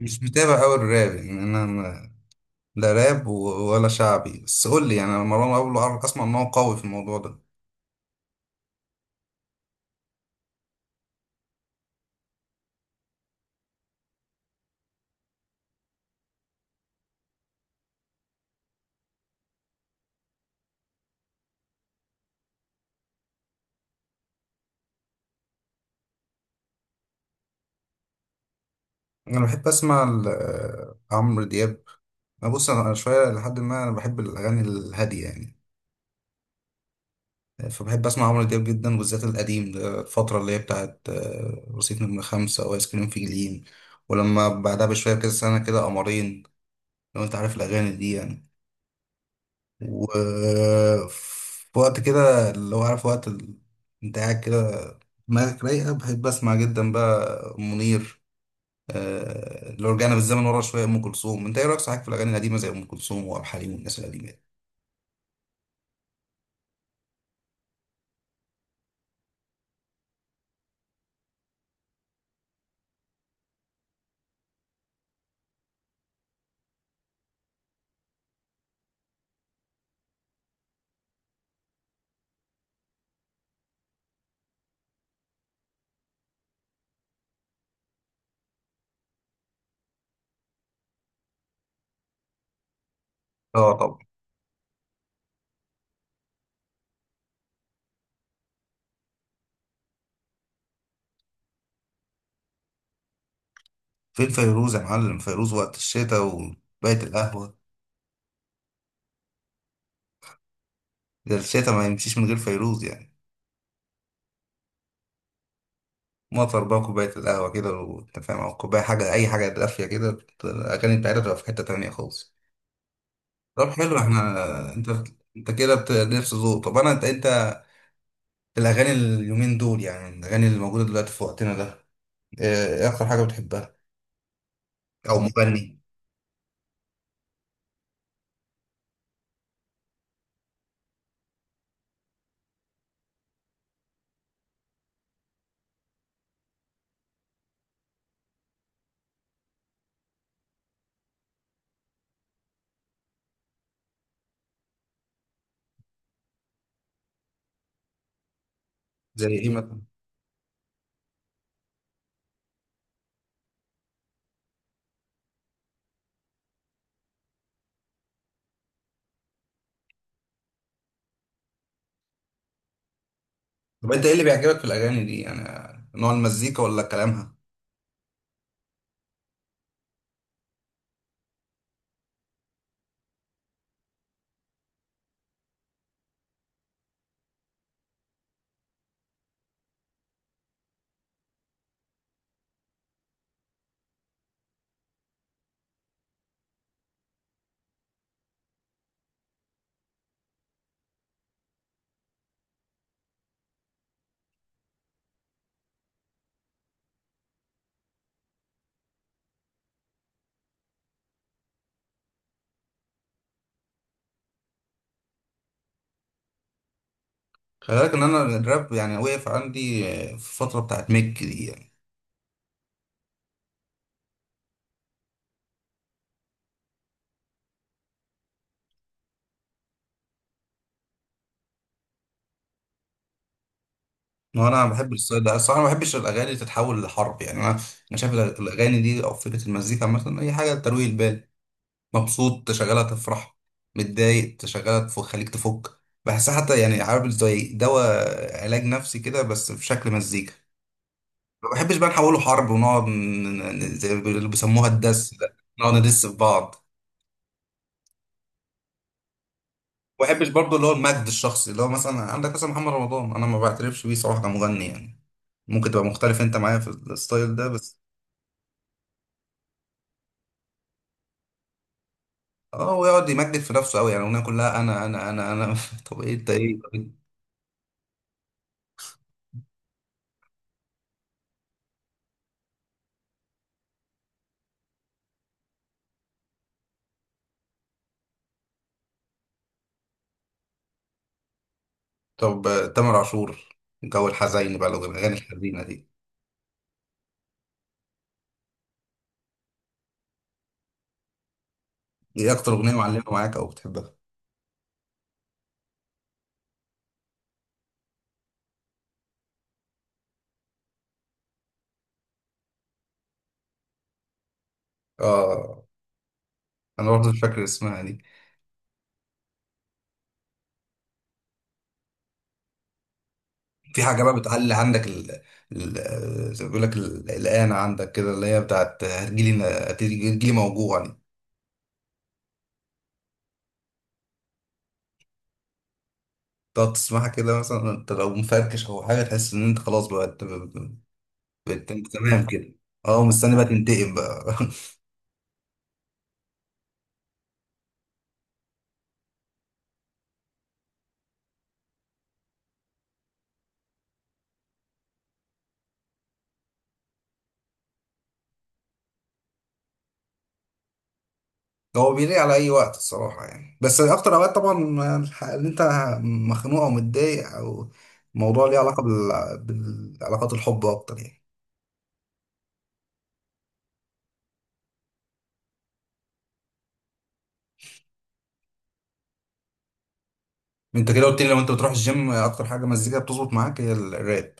مش متابع أوي الراب يعني. أنا ما- لا راب ولا شعبي، بس قول لي يعني. أنا مروان بابلو أسمع إن هو قوي في الموضوع ده. أنا بحب أسمع عمرو دياب. أنا بص، أنا شوية لحد ما، أنا بحب الأغاني الهادية يعني. فبحب أسمع عمرو دياب جدا، بالذات القديم ده، الفترة اللي هي بتاعت رصيد نمرة خمسة وآيس كريم في جليم، ولما بعدها بشوية كده سنة كده قمرين، لو أنت عارف الأغاني دي يعني. وفي وقت كده اللي هو عارف وقت انت قاعد كده دماغك رايقة، بحب أسمع جدا بقى أم منير. آه، لو رجعنا بالزمن ورا شوية أم كلثوم، أنت إيه رأيك صحيح في الأغاني القديمة زي أم كلثوم وعبد الحليم والناس القديمة دي؟ آه طبعا. فين فيروز يا معلم؟ فيروز وقت الشتاء وكوباية القهوة. ده الشتاء ما يمشيش من غير فيروز يعني. مطر بقى، كوباية القهوة كده وأنت فاهم، أو كوباية حاجة، أي حاجة دافية كده، الأغاني بتاعتها تبقى في حتة تانية خالص. طب حلو، إحنا أنت كده نفس ذوق. طب أنا، أنت الأغاني اليومين دول يعني الأغاني اللي موجودة دلوقتي في وقتنا ده، إيه اكتر حاجه بتحبها او مغني؟ زي ايه مثلا؟ طب انت ايه اللي بيعجبك في الاغاني دي يعني، نوع المزيكا ولا كلامها؟ خلي بالك ان انا الراب يعني وقف عندي في الفتره بتاعت ميك دي يعني. وانا بحب الستايل ده الصراحه، ما بحبش الاغاني تتحول لحرب يعني. انا انا شايف الاغاني دي او فكره المزيكا مثلا اي حاجه ترويق البال. مبسوط تشغلها تفرح، متضايق تشغلها تخليك تفك. بحسها حتى يعني عارف، زي دواء علاج نفسي كده بس في شكل مزيكا. ما بحبش بقى نحوله حرب ونقعد زي ما بيقولوا- بيسموها الدس ده، نقعد ندس في بعض. ما بحبش برضه اللي هو المجد الشخصي، اللي هو مثلا عندك مثلا محمد رمضان، انا ما بعترفش بيه صراحه كمغني يعني. ممكن تبقى مختلف انت معايا في الستايل ده بس. اه، هو يقعد يمجد في نفسه قوي، يعني الاغنيه كلها انا انا انا انا طب ايه انت ايه؟ طب تامر عاشور، جو الحزين بقى لو الاغاني الحزينه دي، ايه اكتر اغنيه معلمه معاك او بتحبها؟ اه، انا برضه مش فاكر اسمها دي. في حاجة بقى بتعلي عندك، زي ما بيقول لك، الآن عندك كده اللي هي بتاعت هتجيلي موجوع يعني. تقعد تسمعها كده مثلا انت لو مفركش او حاجة، تحس ان انت خلاص بقى، انت بقيت تمام كده. اه، مستني بقى تنتقم بقى. هو بيليق على اي وقت الصراحة يعني، بس اكتر اوقات طبعا اللي انت مخنوق او متضايق، او موضوع ليه علاقة بالعلاقات، الحب اكتر يعني. انت كده قلت لي لو انت بتروح الجيم اكتر حاجة مزيكا بتظبط معاك هي الراب.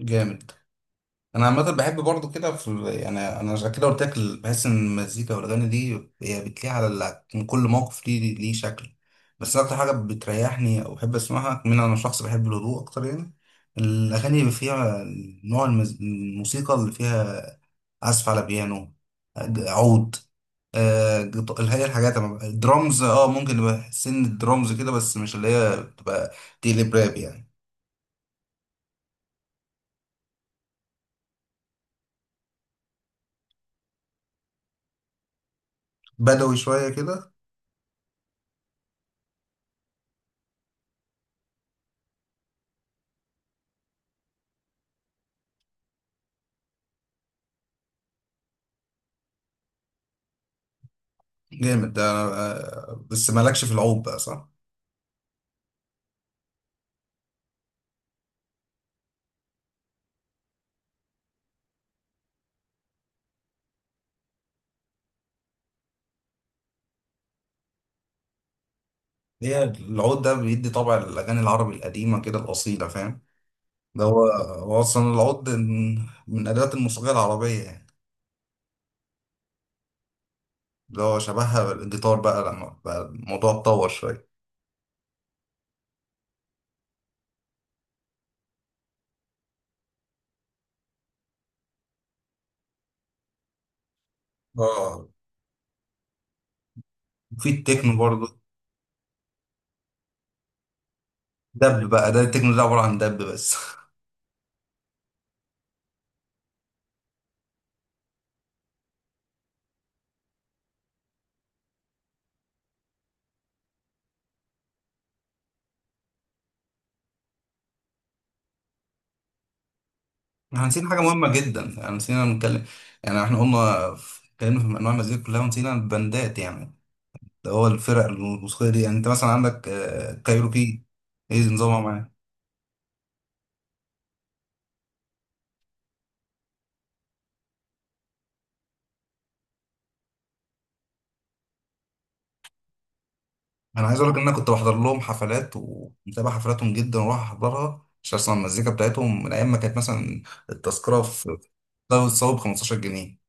جامد. انا عامه بحب برضو كده في يعني انا عشان كده قلت لك بحس ان المزيكا والاغاني دي هي بتليق على من كل موقف ليه شكل. بس أنا اكتر حاجه بتريحني او بحب اسمعها، من انا شخص بحب الهدوء اكتر يعني، الاغاني اللي فيها نوع الموسيقى اللي فيها عزف على بيانو، عود، اللي هي الحاجات الدرامز، اه ممكن يبقى سن الدرامز كده بس مش اللي هي بتبقى تقلب راب يعني. بدوي شويه كده. جامد ده، بس مالكش في العود بقى صح؟ هي العود ده بيدي طبع الأغاني العربي القديمة كده الأصيلة فاهم؟ ده هو هو أصلا العود من أدوات الموسيقى العربية يعني. اللي هو شبهها الجيتار بقى لما بقى الموضوع اتطور شوية. اه. في التكنو برضه، دب بقى، ده التكنو ده عبارة عن دب بس احنا نسينا حاجة مهمة جدا، يعني نسينا نتكلم يعني، احنا قلنا اتكلمنا في أنواع المزيكا كلها ونسينا البندات يعني. ده هو الفرق الموسيقية دي يعني، انت مثلا عندك كايروكي، ايه نظامها معايا؟ انا عايز اقول لك ان انا كنت بحضر لهم حفلات ومتابع حفلاتهم جدا، واروح احضرها عشان اسمع المزيكا بتاعتهم، من ايام ما كانت مثلا التذكرة في ده بتساوي ب 15 جنيه.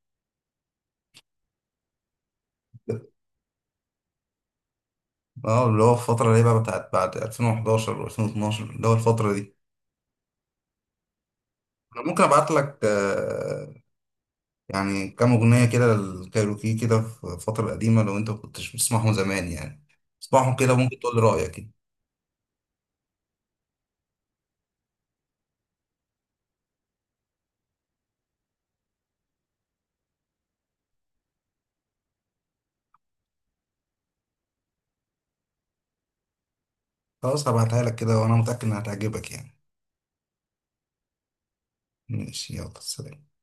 اه، اللي هو الفترة اللي هي بقى بتاعت بعد 2011 و2012، اللي هو الفترة دي. انا ممكن ابعت لك يعني كام اغنية كده للكايروكي كده في الفترة القديمة، لو انت ما كنتش بتسمعهم زمان يعني، اسمعهم كده ممكن تقول لي رأيك. خلاص، هبعتها لك كده وانا متأكد انها هتعجبك يعني. ماشي، يلا سلام.